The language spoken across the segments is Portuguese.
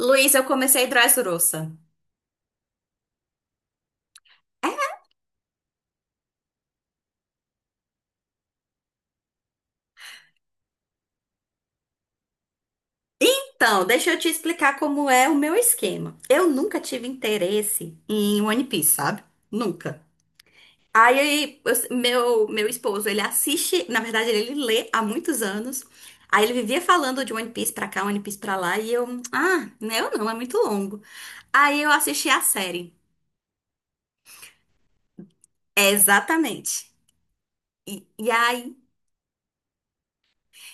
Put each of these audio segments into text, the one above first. Luiz, eu comecei Dressrosa. É, então, deixa eu te explicar como é o meu esquema. Eu nunca tive interesse em One Piece, sabe? Nunca. Aí, meu esposo, ele assiste, na verdade, ele lê há muitos anos. Aí ele vivia falando de One Piece pra cá, One Piece pra lá, e eu, ah, né, eu não, é muito longo. Aí eu assisti a série. É, exatamente. E aí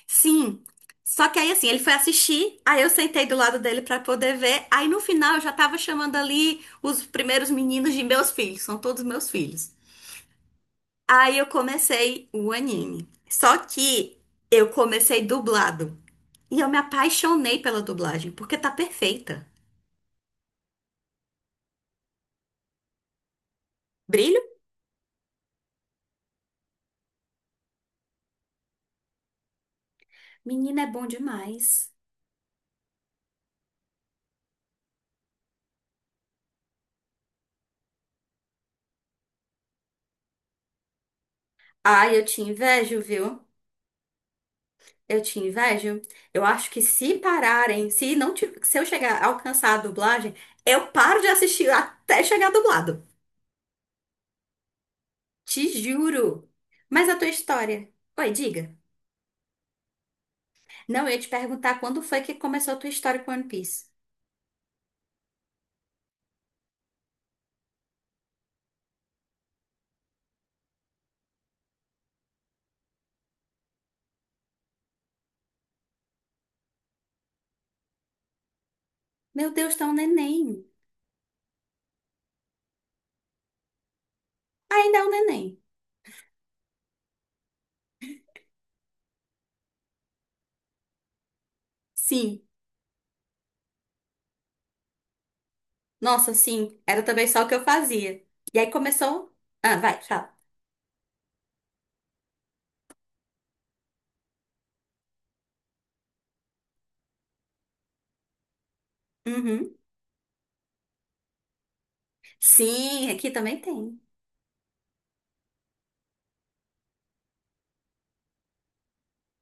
sim. Só que aí assim, ele foi assistir, aí eu sentei do lado dele pra poder ver. Aí no final eu já tava chamando ali os primeiros meninos de meus filhos, são todos meus filhos. Aí eu comecei o anime. Só que eu comecei dublado. E eu me apaixonei pela dublagem, porque tá perfeita. Brilho? Menina, é bom demais. Ai, eu te invejo, viu? Eu te invejo. Eu acho que se pararem, se não, ti- se eu chegar a alcançar a dublagem, eu paro de assistir até chegar dublado. Te juro. Mas a tua história? Oi, diga. Não, eu ia te perguntar quando foi que começou a tua história com One Piece. Meu Deus, tá um neném. Ainda é um neném. Sim. Nossa, sim. Era também só o que eu fazia. E aí começou. Ah, vai, fala. Uhum. Sim, aqui também tem.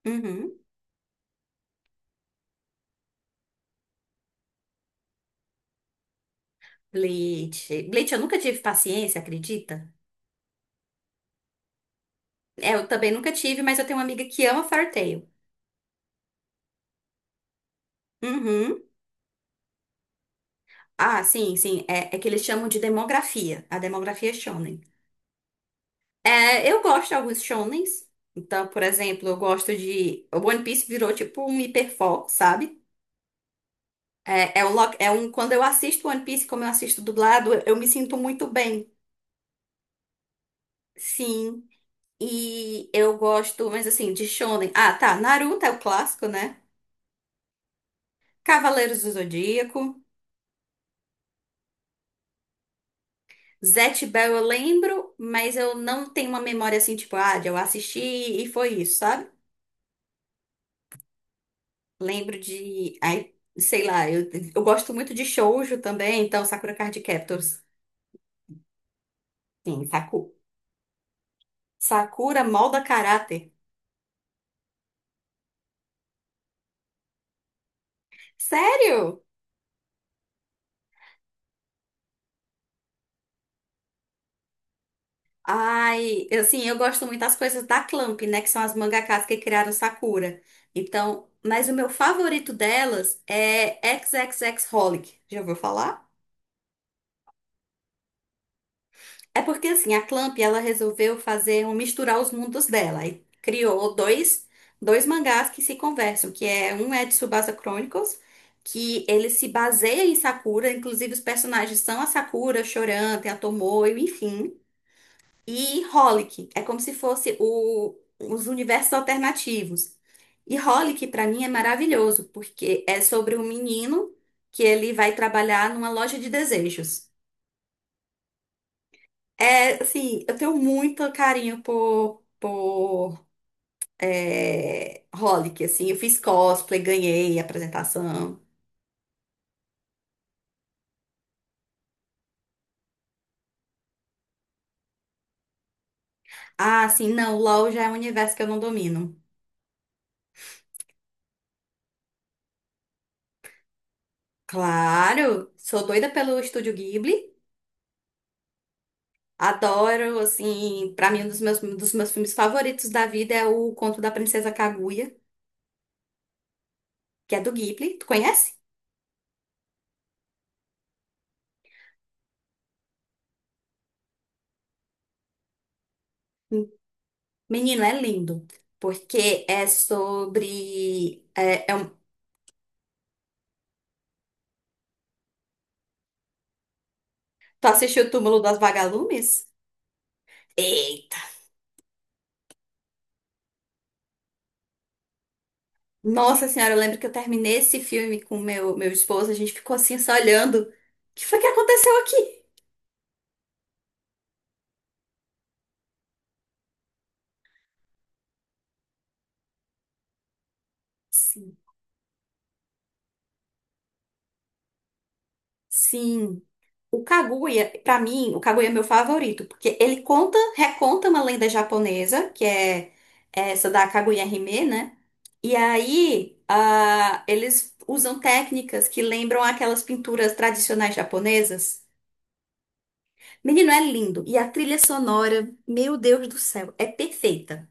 Uhum. Bleach. Bleach, eu nunca tive paciência, acredita? É, eu também nunca tive, mas eu tenho uma amiga que ama Fartale. Uhum. Ah, sim, sim. É, é que eles chamam de demografia. A demografia é shonen. É, eu gosto de alguns shonens. Então, por exemplo, eu gosto de... O One Piece virou tipo um hiperfoco, sabe? Quando eu assisto One Piece, como eu assisto dublado, eu me sinto muito bem. Sim. E eu gosto, mas assim, de shonen. Ah, tá. Naruto é o clássico, né? Cavaleiros do Zodíaco. Zatch Bell eu lembro, mas eu não tenho uma memória assim, tipo, ah, de eu assisti e foi isso, sabe? Lembro de. Ai, sei lá, eu gosto muito de shoujo também, então Sakura Card Captors. Sim, Saku. Sakura molda caráter. Sério? Ai, eu, assim, eu gosto muito das coisas da Clamp, né? Que são as mangakas que criaram Sakura. Então, mas o meu favorito delas é xxxHolic. Já ouviu falar? É porque assim, a Clamp ela resolveu fazer um misturar os mundos dela e criou dois mangás que se conversam, que é um é de Tsubasa Chronicles, que ele se baseia em Sakura, inclusive os personagens são a Sakura, Choran, tem a Tomoe, enfim, e Holic, é como se fosse o, os universos alternativos. E Holic pra mim é maravilhoso, porque é sobre um menino que ele vai trabalhar numa loja de desejos. É, assim, eu tenho muito carinho por é, Holic, assim, eu fiz cosplay, ganhei apresentação. Ah, assim, não, LOL já é um universo que eu não domino. Claro, sou doida pelo Estúdio Ghibli, adoro, assim, pra mim um dos meus filmes favoritos da vida é o Conto da Princesa Kaguya, que é do Ghibli, tu conhece? Menino, é lindo, porque é sobre... É, é um- tu assistiu o Túmulo das Vagalumes? Nossa senhora, eu lembro que eu terminei esse filme com meu esposo, a gente ficou assim só olhando. O que foi que aconteceu aqui? Sim. Sim. O Kaguya, pra mim, o Kaguya é meu favorito, porque ele conta, reconta uma lenda japonesa, que é essa da Kaguya Hime, né? E aí, ah, eles usam técnicas que lembram aquelas pinturas tradicionais japonesas. Menino, é lindo. E a trilha sonora, meu Deus do céu, é perfeita.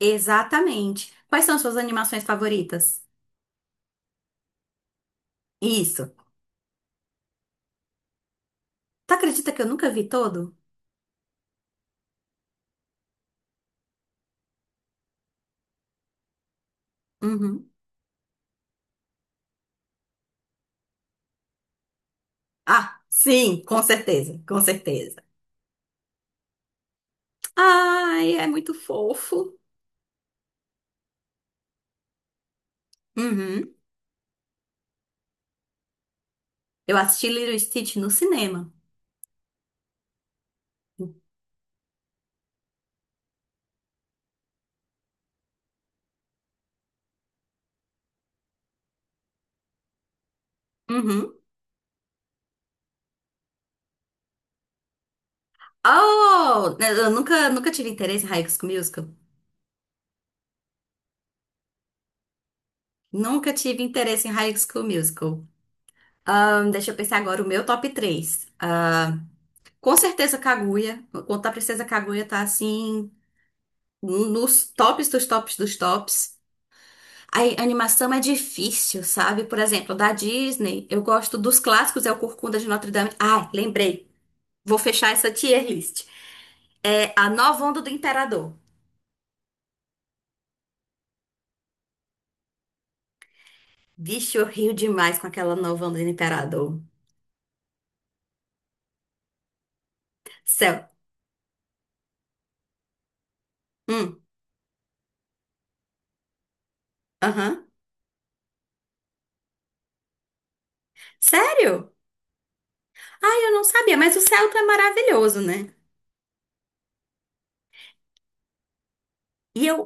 Exatamente. Quais são suas animações favoritas? Isso. Tu acredita que eu nunca vi todo? Uhum. Ah, sim, com certeza, com certeza. Ai, é muito fofo. Uhum. Eu assisti Little Stitch no cinema. Uhum. Oh, eu nunca, nunca tive interesse em High School Musical. Nunca tive interesse em High School Musical. Deixa eu pensar agora o meu top 3. Com certeza Kaguya. Contar a Princesa Kaguya tá assim nos tops dos tops dos tops. A animação é difícil, sabe? Por exemplo, da Disney, eu gosto dos clássicos, é o Corcunda de Notre Dame. Ah, lembrei. Vou fechar essa tier list. É a Nova Onda do Imperador. Vixe, eu rio demais com aquela Nova Onda do Imperador. Céu. Hum, aham. Sério? Ai, eu não sabia, mas o Celta é maravilhoso, né? E eu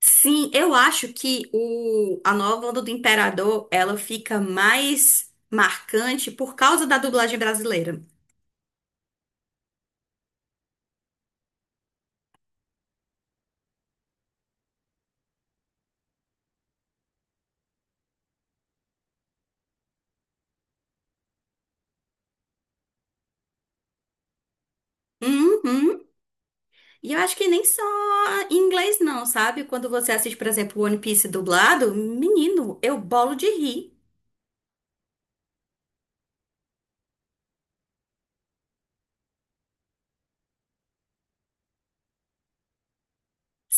sim, eu acho a nova onda do Imperador, ela fica mais marcante por causa da dublagem brasileira. Uhum. E eu acho que nem só em inglês não, sabe? Quando você assiste, por exemplo, One Piece dublado, menino, eu bolo de rir.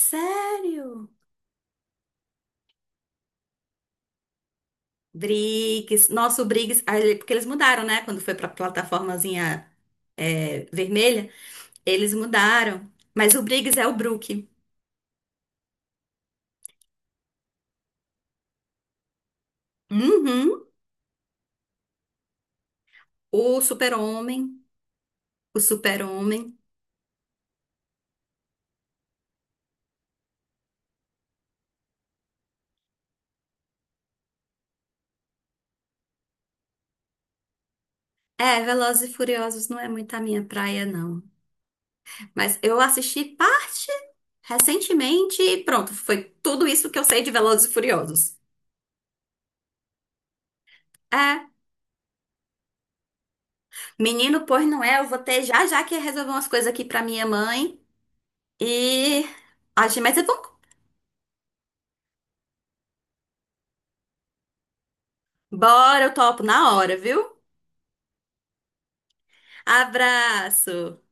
Sério. Briggs, nosso Briggs, ah, ele- porque eles mudaram, né? Quando foi pra plataformazinha é, vermelha, eles mudaram. Mas o Briggs é o Brook. Uhum. O Super-Homem. O Super-Homem. É, Velozes e Furiosos não é muito a minha praia, não. Mas eu assisti parte recentemente e pronto, foi tudo isso que eu sei de Velozes e Furiosos. É, menino, pois não é, eu vou ter já já que resolver umas coisas aqui pra minha mãe e... Acho, mas é bom. Bora, eu topo na hora, viu? Abraço!